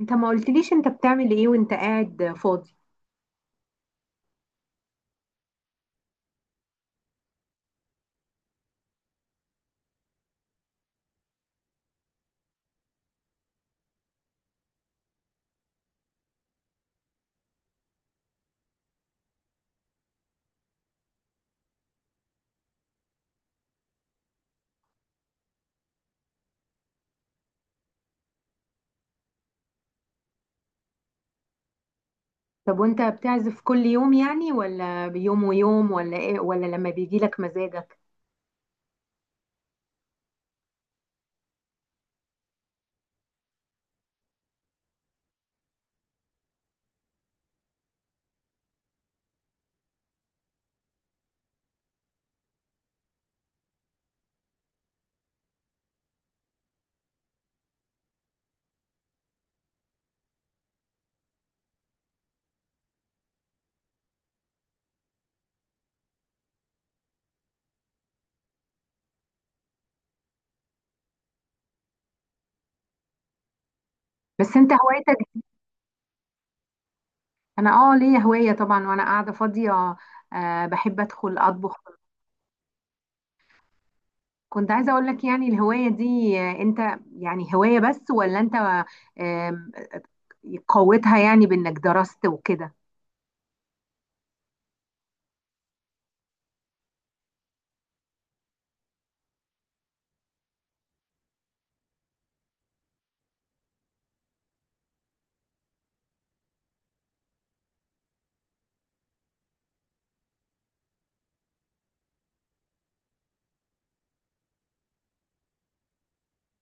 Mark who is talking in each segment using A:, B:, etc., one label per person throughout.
A: انت ما قلتليش انت بتعمل ايه وانت قاعد فاضي؟ طب وانت بتعزف كل يوم يعني ولا بيوم ويوم ولا ايه، ولا لما بيجي لك مزاجك؟ بس انت هوايتك. انا اه ليا هواية طبعا وانا قاعدة فاضية. آه، بحب ادخل اطبخ. كنت عايزة اقول لك يعني الهواية دي، انت يعني هواية بس ولا انت آه قوتها يعني بانك درست وكده؟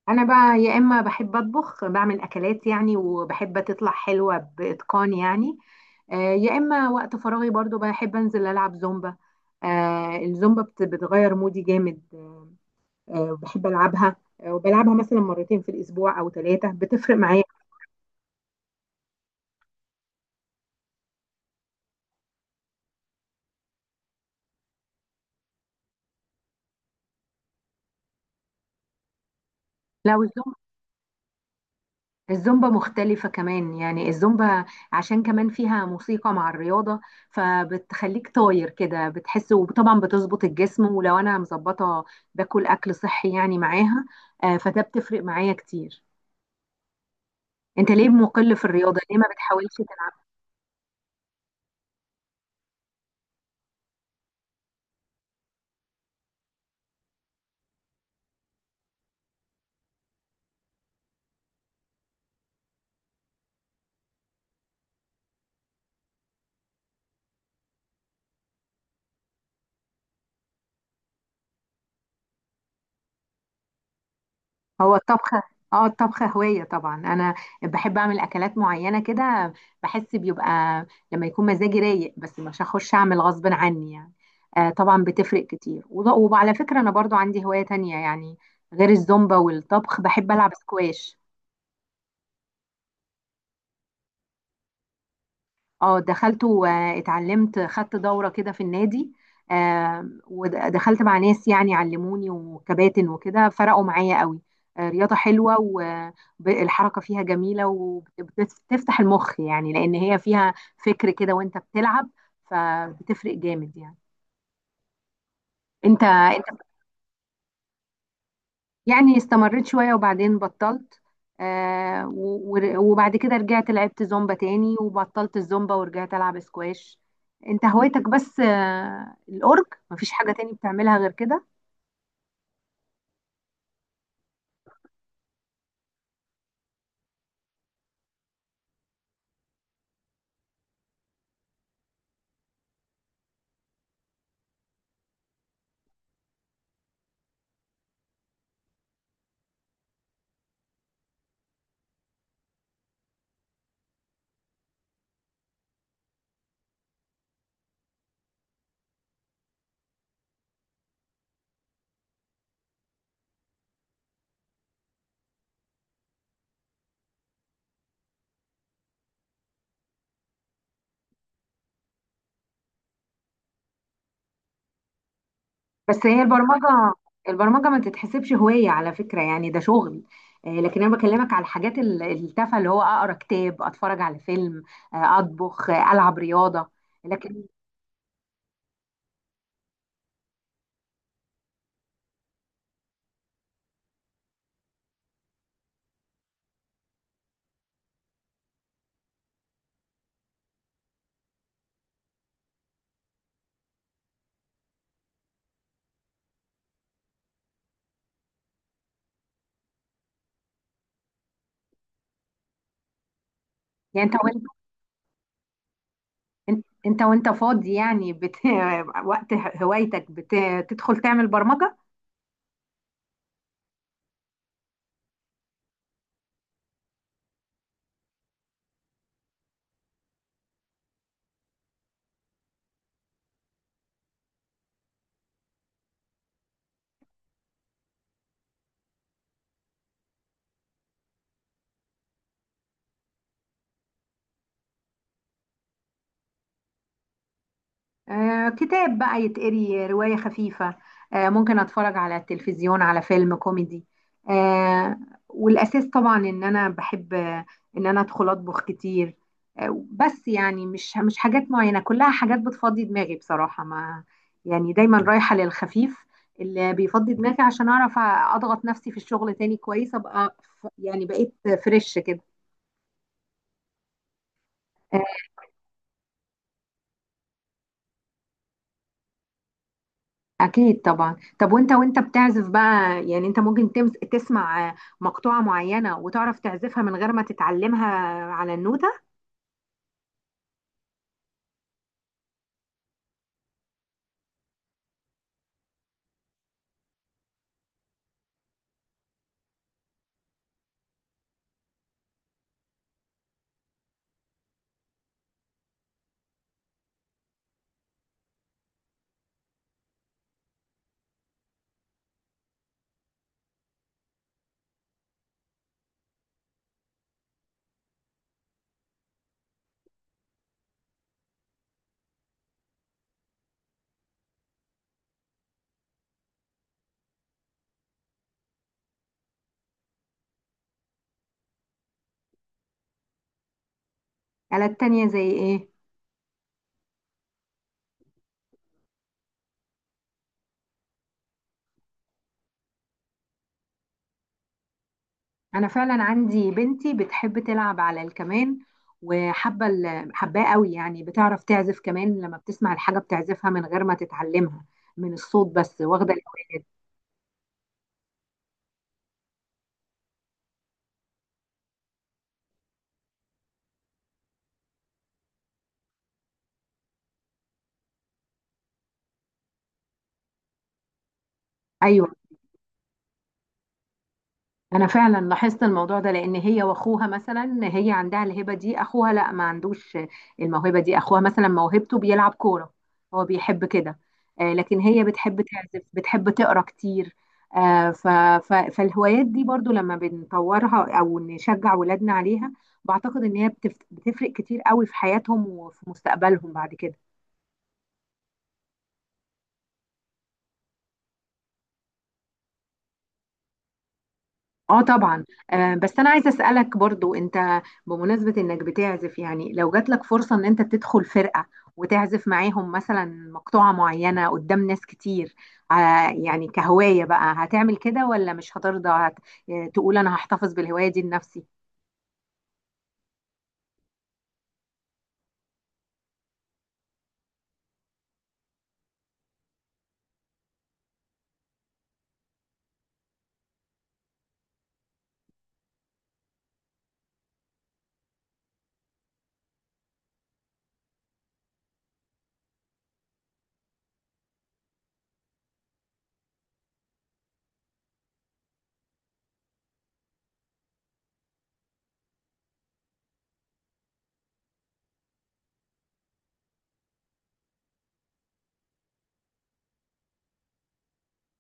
A: انا بقى يا اما بحب اطبخ بعمل اكلات يعني وبحب تطلع حلوه باتقان يعني، يا اما وقت فراغي برضو بحب انزل العب زومبا. الزومبا بتغير مودي جامد. بحب العبها، وبلعبها مثلا مرتين في الاسبوع او ثلاثه بتفرق معايا. لو الزومبا، الزومبا مختلفة كمان يعني الزومبا عشان كمان فيها موسيقى مع الرياضة، فبتخليك طاير كده بتحس، وطبعا بتظبط الجسم، ولو أنا مظبطة باكل أكل صحي يعني معاها، فده بتفرق معايا كتير. أنت ليه مقل في الرياضة؟ ليه ما بتحاولش تلعب؟ هو الطبخ، اه الطبخ هواية طبعا. انا بحب اعمل اكلات معينة كده، بحس بيبقى لما يكون مزاجي رايق، بس مش هخش اعمل غصب عني يعني. آه طبعا بتفرق كتير، وعلى فكرة انا برضو عندي هواية تانية يعني غير الزومبا والطبخ، بحب العب سكواش. اه دخلت واتعلمت، خدت دورة كده في النادي. ودخلت مع ناس يعني علموني وكباتن وكده، فرقوا معايا قوي. رياضة حلوة، والحركة فيها جميلة وبتفتح المخ يعني، لأن هي فيها فكر كده وانت بتلعب، فبتفرق جامد يعني. انت يعني استمريت شوية وبعدين بطلت. وبعد كده رجعت لعبت زومبا تاني، وبطلت الزومبا ورجعت ألعب سكواش. انت هوايتك بس آه الأورج؟ مفيش حاجة تاني بتعملها غير كده؟ بس هي البرمجة، البرمجة ما تتحسبش هواية على فكرة، يعني ده شغل. آه لكن أنا بكلمك على الحاجات التافهة، اللي هو أقرأ كتاب، أتفرج على فيلم، آه أطبخ، آه ألعب رياضة. لكن يعني انت إن- انت وانت فاضي يعني وقت هوايتك بتدخل تعمل برمجة؟ آه كتاب بقى يتقري، رواية خفيفة، آه ممكن اتفرج على التلفزيون على فيلم كوميدي، آه. والاساس طبعا ان انا بحب ان انا ادخل اطبخ كتير. آه بس يعني مش حاجات معينة، كلها حاجات بتفضي دماغي بصراحة. ما يعني دايما رايحة للخفيف اللي بيفضي دماغي عشان اعرف اضغط نفسي في الشغل تاني كويس، ابقى يعني بقيت فريش كده. أكيد طبعا. طب وأنت بتعزف بقى يعني، أنت ممكن تسمع مقطوعة معينة وتعرف تعزفها من غير ما تتعلمها على النوتة؟ آلات تانية زي إيه؟ أنا فعلا عندي بنتي بتحب تلعب على الكمان، حباه قوي يعني، بتعرف تعزف كمان، لما بتسمع الحاجة بتعزفها من غير ما تتعلمها، من الصوت بس، واخدة الهواية دي. أيوة. انا فعلا لاحظت الموضوع ده، لان هي واخوها مثلا، هي عندها الهبه دي، اخوها لا ما عندوش الموهبه دي، اخوها مثلا موهبته بيلعب كوره، هو بيحب كده. لكن هي بتحب تعزف، بتحب تقرا كتير. آه، ف- فالهوايات دي برضو لما بنطورها او نشجع ولادنا عليها، بعتقد ان هي بتفرق كتير قوي في حياتهم وفي مستقبلهم بعد كده. اه طبعا. آه بس انا عايزه اسالك برضو، انت بمناسبه انك بتعزف يعني، لو جات لك فرصه ان انت تدخل فرقه وتعزف معاهم مثلا مقطوعه معينه قدام ناس كتير، آه يعني كهوايه بقى هتعمل كده ولا مش هترضى هت... آه، تقول انا هحتفظ بالهوايه دي لنفسي؟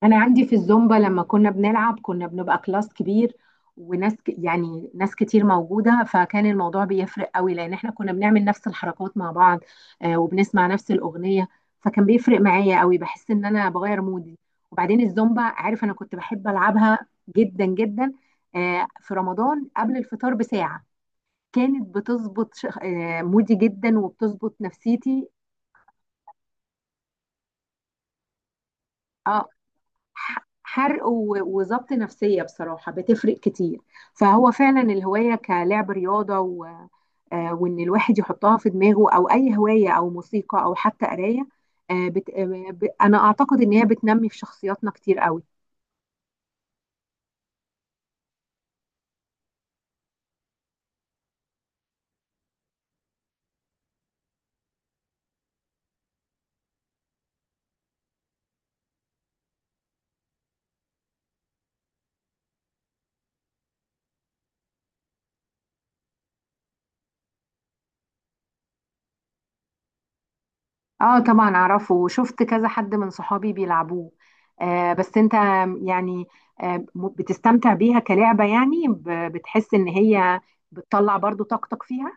A: انا عندي في الزومبا لما كنا بنلعب كنا بنبقى كلاس كبير، يعني ناس كتير موجوده، فكان الموضوع بيفرق قوي، لان احنا كنا بنعمل نفس الحركات مع بعض، وبنسمع نفس الاغنيه، فكان بيفرق معايا قوي، بحس ان انا بغير مودي. وبعدين الزومبا عارف انا كنت بحب العبها جدا جدا. في رمضان قبل الفطار بساعه كانت بتظبط مودي جدا وبتظبط نفسيتي. اه حرق وظبط نفسية، بصراحة بتفرق كتير. فهو فعلا الهواية كلعب رياضة و... وإن الواحد يحطها في دماغه، أو أي هواية أو موسيقى أو حتى قراية، آه، بت... آه، أنا أعتقد إن هي بتنمي في شخصياتنا كتير قوي. اه طبعا أعرفه، وشفت كذا حد من صحابي بيلعبوه. بس أنت يعني، بتستمتع بيها كلعبة يعني، بتحس إن هي بتطلع برضو طاقتك فيها؟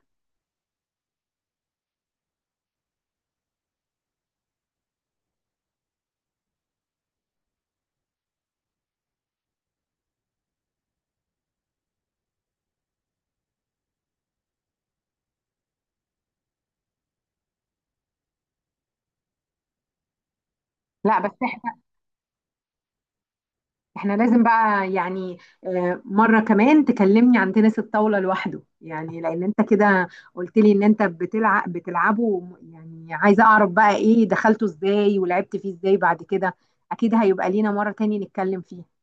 A: لا بس احنا لازم بقى يعني، مرة كمان تكلمني عن تنس الطاولة لوحده، يعني لان انت كده قلت لي ان انت بتلعبه يعني عايزة اعرف بقى ايه دخلته ازاي ولعبت فيه ازاي. بعد كده اكيد هيبقى لينا مرة تاني نتكلم فيه.